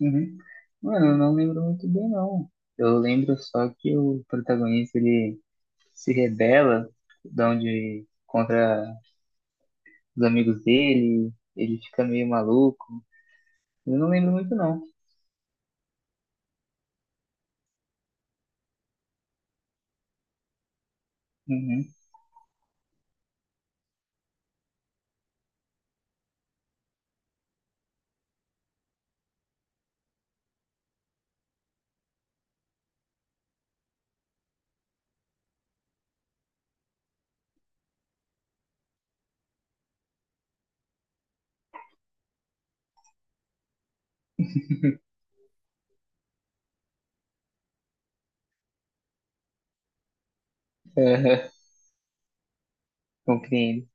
Uhum. Mano, eu não lembro muito bem, não. Eu lembro só que o protagonista, ele se rebela de onde, contra os amigos dele, ele fica meio maluco. Eu não lembro muito, não. Uhum. Compreendo,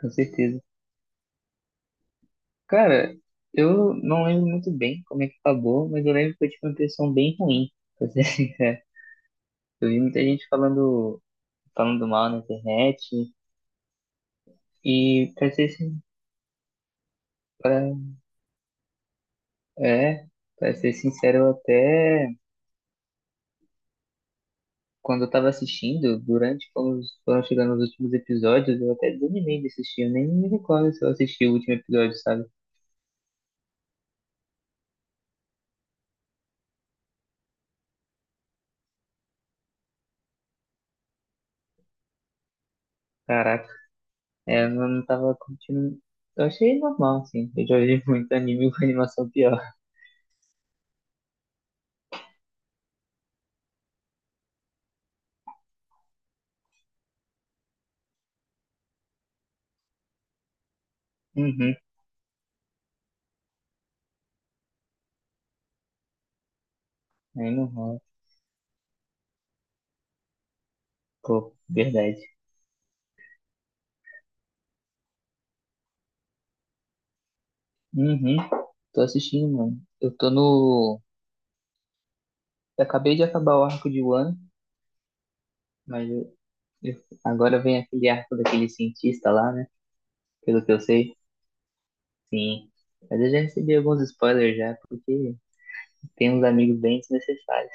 com certeza. Cara, eu não lembro muito bem como é que acabou, mas eu lembro que eu tive uma impressão bem ruim, pra ser sincero. Eu vi muita gente falando, falando mal na internet, e pra ser, sin- pra É, pra ser sincero, eu até quando eu tava assistindo, durante quando foram chegando os últimos episódios, eu até desanimei de assistir. Eu nem me recordo se eu assisti o último episódio, sabe? Caraca, é, eu não tava curtindo. Eu achei normal, assim. Eu já vi muito anime com animação pior. Uhum, é normal. Pô, verdade. Uhum, tô assistindo, mano. Eu tô no. Eu acabei de acabar o arco de Wano, mas agora vem aquele arco daquele cientista lá, né? Pelo que eu sei. Sim. Mas eu já recebi alguns spoilers já, porque tem uns amigos bem desnecessários.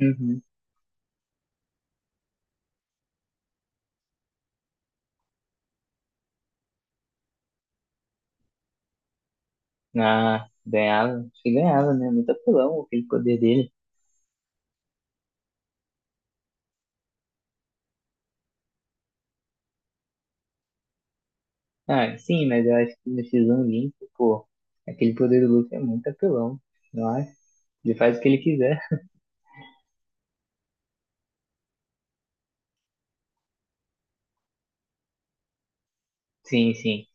Uhum. Ah, ganhava. Acho que ganhava, né? Muito apelão aquele poder dele. Ah, sim, mas eu acho que no X1 limpo, pô, aquele poder do Luffy é muito apelão. Não acho, ele faz o que ele quiser. Sim, sim.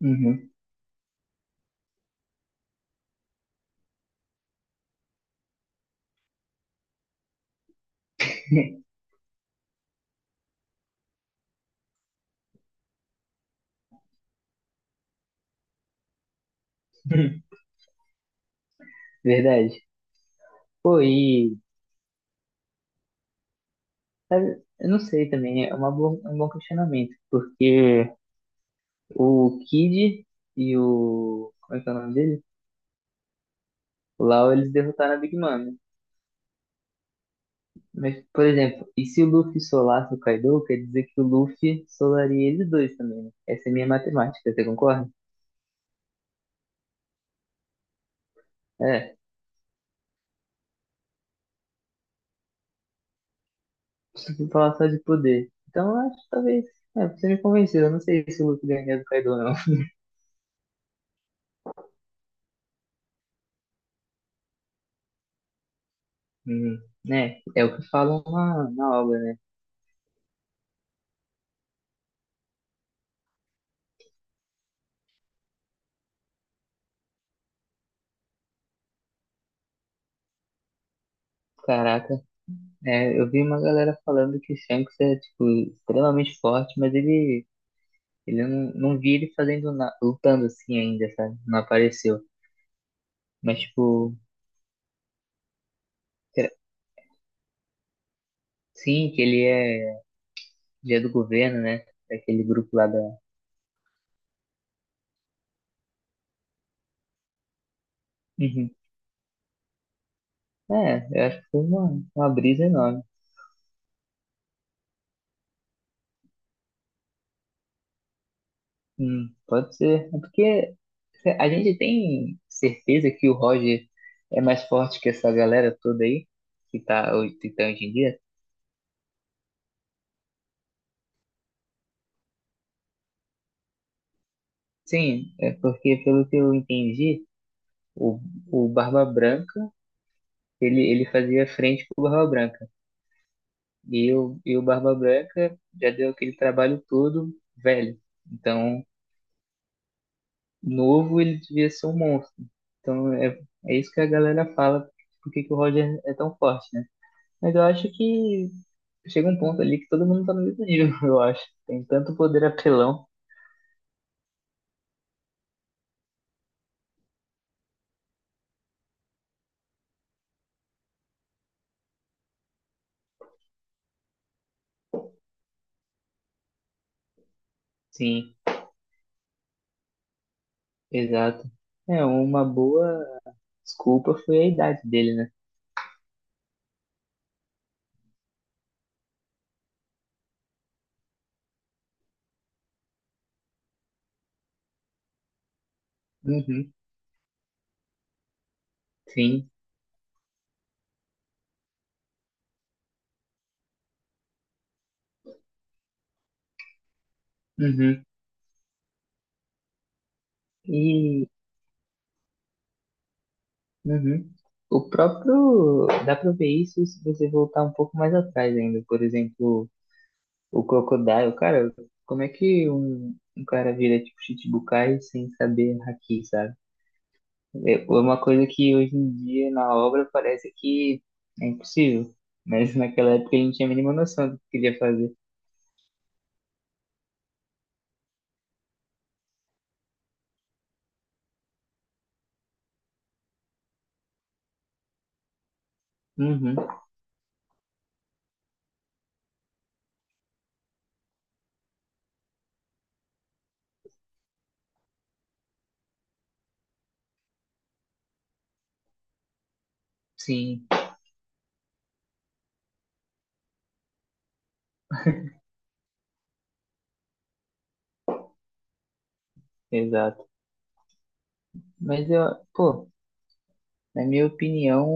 Uhum. Verdade. Pô, e sabe, eu não sei também, é uma boa, é um bom questionamento, porque o Kid e o. Como é que é o nome dele? O Lau, eles derrotaram a Big Mom, né? Mas, por exemplo, e se o Luffy solasse o Kaido, quer dizer que o Luffy solaria eles dois também, né? Essa é minha matemática, você concorda? É, se falar só de poder. Então, eu acho que talvez. É, você me convenceu, eu não sei se o Luffy ganharia do Kaido, não. Hum, né? É o que falam na obra, né? Caraca, é, eu vi uma galera falando que o Shanks é, tipo, extremamente forte, mas ele eu não, não vi ele fazendo, na, lutando assim ainda, sabe? Não apareceu. Mas, tipo, será- sim, que ele é dia do governo, né? Aquele grupo lá da. Uhum. É, eu acho que foi uma brisa enorme. Pode ser. É porque a gente tem certeza que o Roger é mais forte que essa galera toda aí, que tá, que tá hoje em dia? Sim, é porque pelo que eu entendi, o, o Barba Branca, ele fazia frente pro Barba Branca. E o Barba Branca já deu aquele trabalho todo velho. Então, novo, ele devia ser um monstro. Então é, é isso que a galera fala, por que que o Roger é tão forte, né? Mas eu acho que chega um ponto ali que todo mundo tá no mesmo nível, eu acho. Tem tanto poder apelão. Sim, exato. É, uma boa desculpa foi a idade dele, né? Uhum, sim. Uhum. E uhum. O próprio. Dá pra ver isso se você voltar um pouco mais atrás ainda. Por exemplo, o Crocodile, cara, como é que um cara vira tipo Shichibukai sem saber haki, sabe? É é uma coisa que hoje em dia na obra parece que é impossível, mas naquela época ele não tinha a mínima noção do que queria fazer. Uhum, sim, exato. Mas eu, pô, na minha opinião,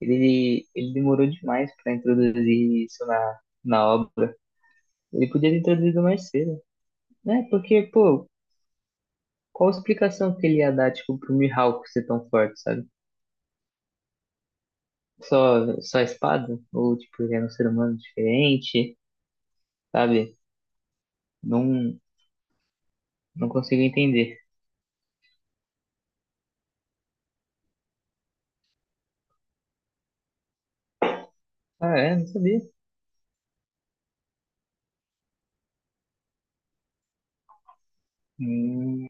ele demorou demais pra introduzir isso na obra. Ele podia ter introduzido mais cedo, né? Porque, pô, qual explicação que ele ia dar, tipo, pro Mihawk ser tão forte, sabe? Só, só a espada? Ou, tipo, ele era um ser humano diferente, sabe? Não, não consigo entender. Ah, é? Não sabia. Hum,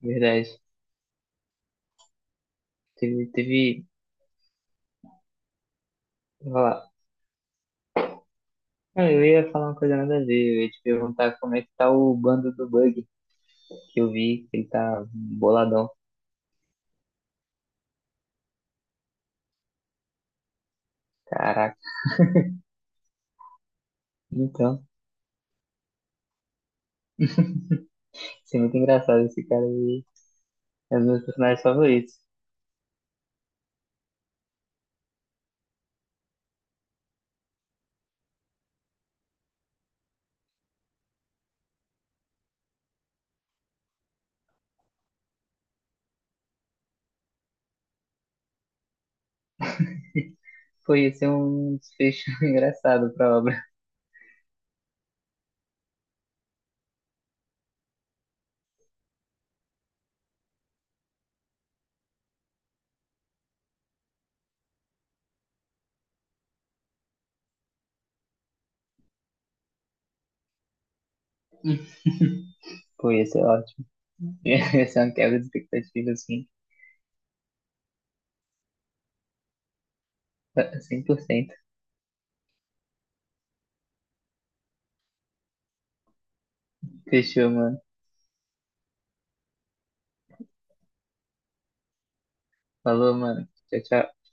verdade. Teve, teve, vou falar. Ah, eu ia falar uma coisa nada a ver. Eu ia te perguntar como é que tá o bando do Bug, que eu vi que ele tá boladão. Caraca. Então, isso é muito engraçado. Esse cara aí é um dos meus personagens favoritos. Pô, ia ser um desfecho engraçado pra obra. Pô, ia ser ótimo. Essa é uma quebra de expectativa, assim, cem por cento. Fechou, mano. Falou, mano. Tchau, tchau.